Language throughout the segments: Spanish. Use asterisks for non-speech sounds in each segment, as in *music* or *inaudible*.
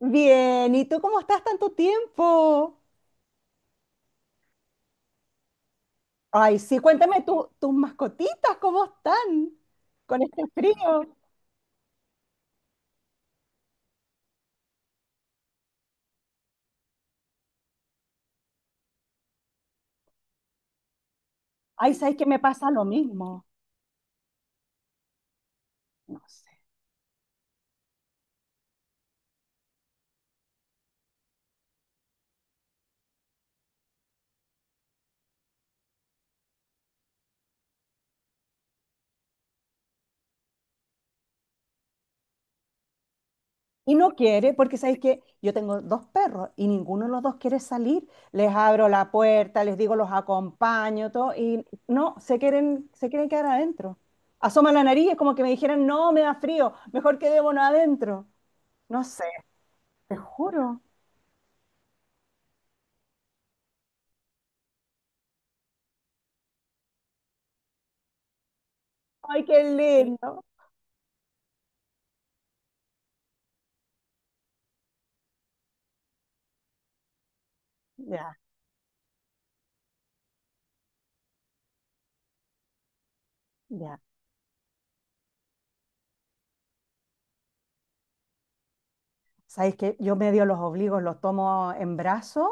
Bien, ¿y tú cómo estás tanto tiempo? Ay, sí, cuéntame tus mascotitas, ¿cómo están con este frío? Ay, ¿sabes que me pasa lo mismo? No sé. Y no quiere, porque ¿sabes que yo tengo dos perros y ninguno de los dos quiere salir? Les abro la puerta, les digo los acompaño, todo, y no, se quieren quedar adentro. Asoma la nariz, es como que me dijeran, no, me da frío, mejor quedémonos adentro. No sé, te juro. Ay, qué lindo. Ya. Ya. Sabéis que yo medio los obligo, los tomo en brazos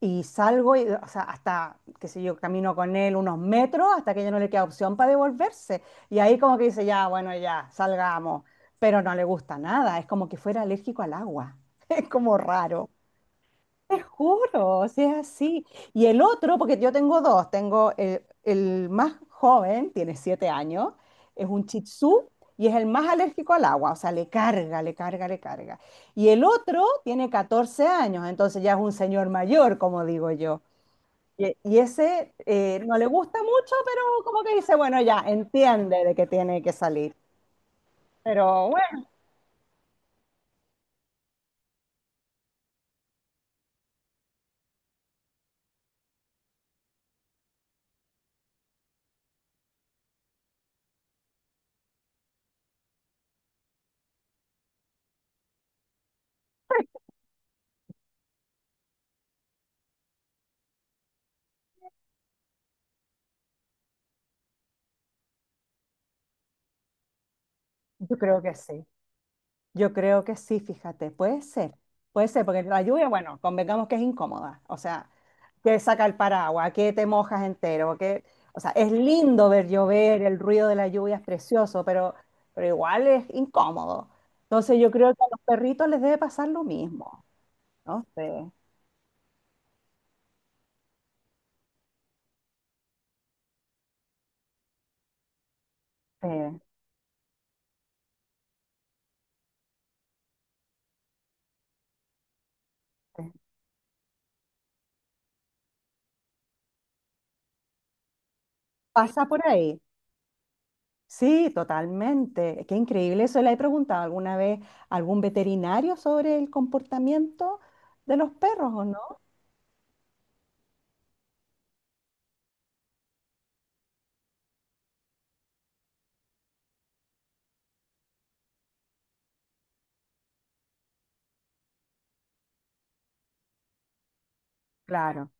y salgo, y, o sea, hasta, qué sé yo, camino con él unos metros hasta que ya no le queda opción para devolverse. Y ahí como que dice, ya, bueno, ya, salgamos. Pero no le gusta nada, es como que fuera alérgico al agua. *laughs* Es como raro. Te juro, o sea, sí. Y el otro, porque yo tengo dos, tengo el más joven, tiene siete años, es un Shih Tzu y es el más alérgico al agua, o sea, le carga, le carga, le carga. Y el otro tiene 14 años, entonces ya es un señor mayor, como digo yo. Y ese no le gusta mucho, pero como que dice, bueno, ya entiende de que tiene que salir. Pero bueno, yo creo que sí. Yo creo que sí, fíjate, puede ser, porque la lluvia, bueno, convengamos que es incómoda, o sea, que saca el paraguas, que te mojas entero, que, o sea, es lindo ver llover, el ruido de la lluvia es precioso, pero igual es incómodo. Entonces yo creo que a los perritos les debe pasar lo mismo, ¿no sé? Sí, sí. Pasa por ahí. Sí, totalmente. Qué increíble eso. ¿Le he preguntado alguna vez a algún veterinario sobre el comportamiento de los perros o no? Claro.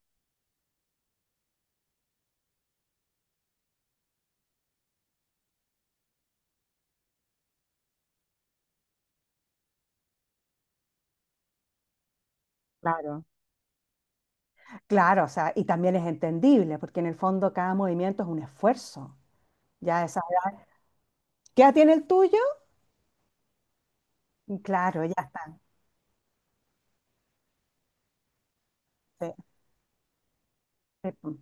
Claro, claro, o sea, y también es entendible, porque en el fondo cada movimiento es un esfuerzo. Ya a esa edad. ¿Qué edad tiene el tuyo? Claro, ya está. Sí, sí, pum.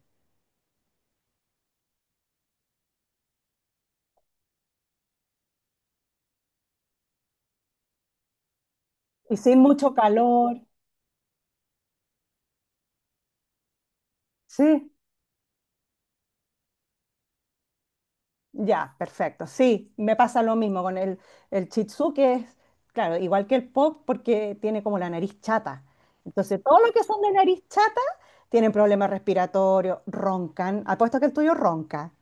Y sin mucho calor. Sí, ya, perfecto. Sí, me pasa lo mismo con el Shih Tzu, que es, claro, igual que el pop, porque tiene como la nariz chata. Entonces, todos los que son de nariz chata tienen problemas respiratorios, roncan. Apuesto que el tuyo ronca.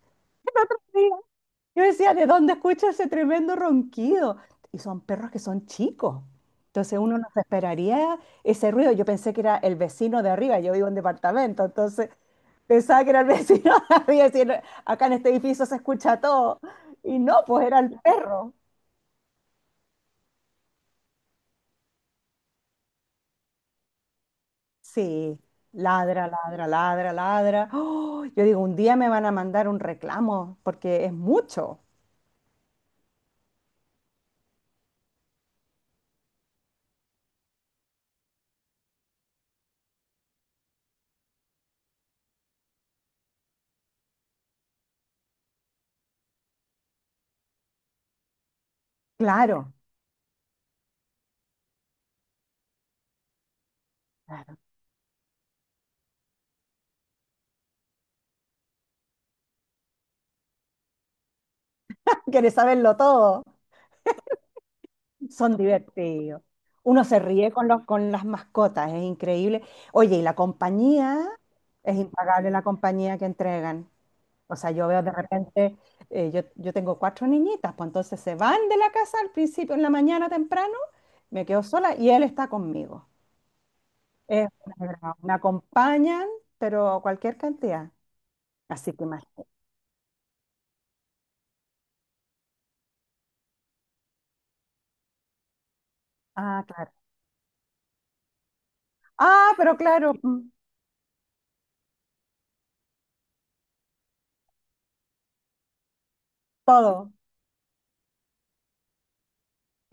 Yo decía, ¿de dónde escucho ese tremendo ronquido? Y son perros que son chicos. Entonces uno no se esperaría ese ruido. Yo pensé que era el vecino de arriba. Yo vivo en departamento, entonces pensaba que era el vecino *laughs* de arriba. Y decía, "No, acá en este edificio se escucha todo". Y no, pues era el perro. Sí, ladra, ladra, ladra, ladra. ¡Oh! Yo digo, un día me van a mandar un reclamo porque es mucho. Claro, *laughs* quiere saberlo todo. Son divertidos. Uno se ríe con con las mascotas, es increíble. Oye, y la compañía, es impagable la compañía que entregan. O sea, yo veo de repente, yo tengo cuatro niñitas, pues entonces se van de la casa al principio, en la mañana temprano, me quedo sola y él está conmigo. Es una brava. Me acompañan, pero cualquier cantidad. Así que imagínate. Ah, claro. Ah, pero claro, mm, todo.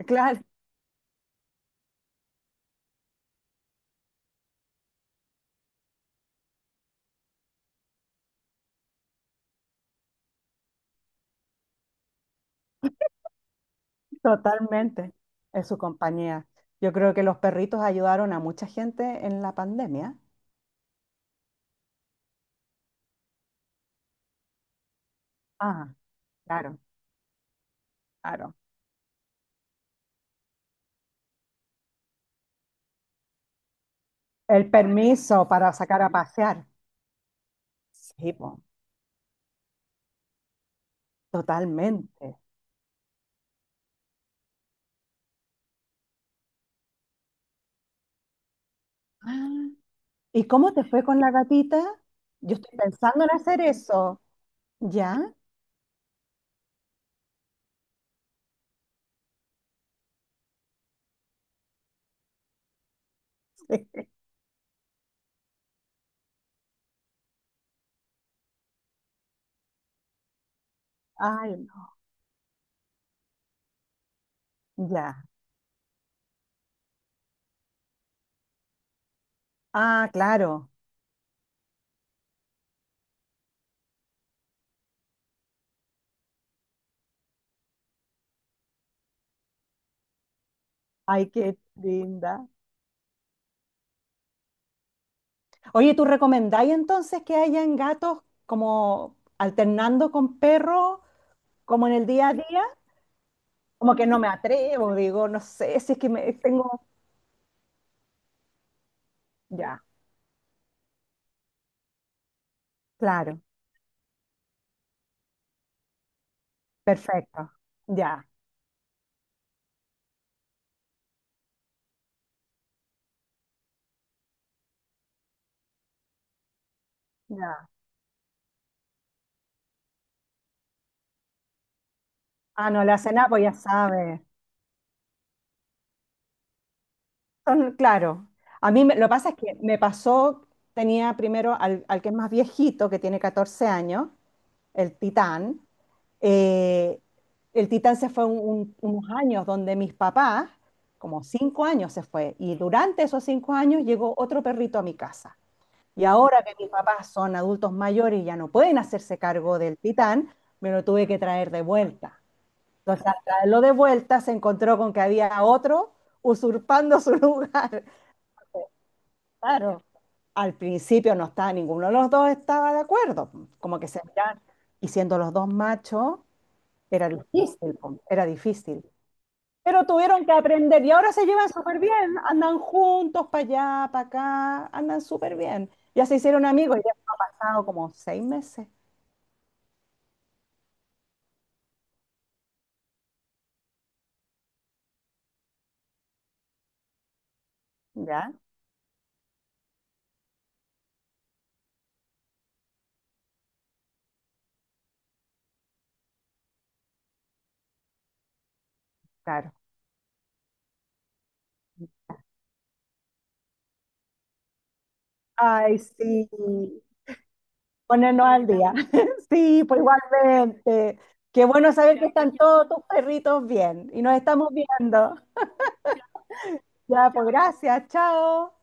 Claro. Totalmente, en su compañía. Yo creo que los perritos ayudaron a mucha gente en la pandemia. Ah, claro, claro. El permiso para sacar a pasear. Sí, po, totalmente. Ah, ¿y cómo te fue con la gatita? Yo estoy pensando en hacer eso. ¿Ya? *laughs* Ay, no. Ya. Ah, claro. Ay, qué linda. Oye, ¿tú recomendáis entonces que hayan gatos como alternando con perros, como en el día a día? Como que no me atrevo, digo, no sé, si es que me tengo. Ya, claro, perfecto. Ya, ya. Ah, no le hace nada, pues ya sabe. Son- claro. A mí me- lo que pasa es que me pasó, tenía primero al que es más viejito, que tiene 14 años, el Titán. Eh, el Titán se fue unos años donde mis papás, como cinco años se fue, y durante esos cinco años llegó otro perrito a mi casa. Y ahora que mis papás son adultos mayores y ya no pueden hacerse cargo del Titán, me lo tuve que traer de vuelta. Entonces, al traerlo de vuelta, se encontró con que había otro usurpando su lugar. Claro, al principio no estaba, ninguno de los dos estaba de acuerdo, como que se miraban. Y siendo los dos machos, era difícil, po, era difícil. Pero tuvieron que aprender y ahora se llevan súper bien, andan juntos para allá, para acá, andan súper bien. Ya se hicieron amigos, ya han pasado como seis meses. ¿Ya? Claro. Ay, sí, ponernos al día. *laughs* Sí, pues igualmente. Qué bueno saber que están todos tus perritos bien y nos estamos viendo. Ya, pues gracias, chao.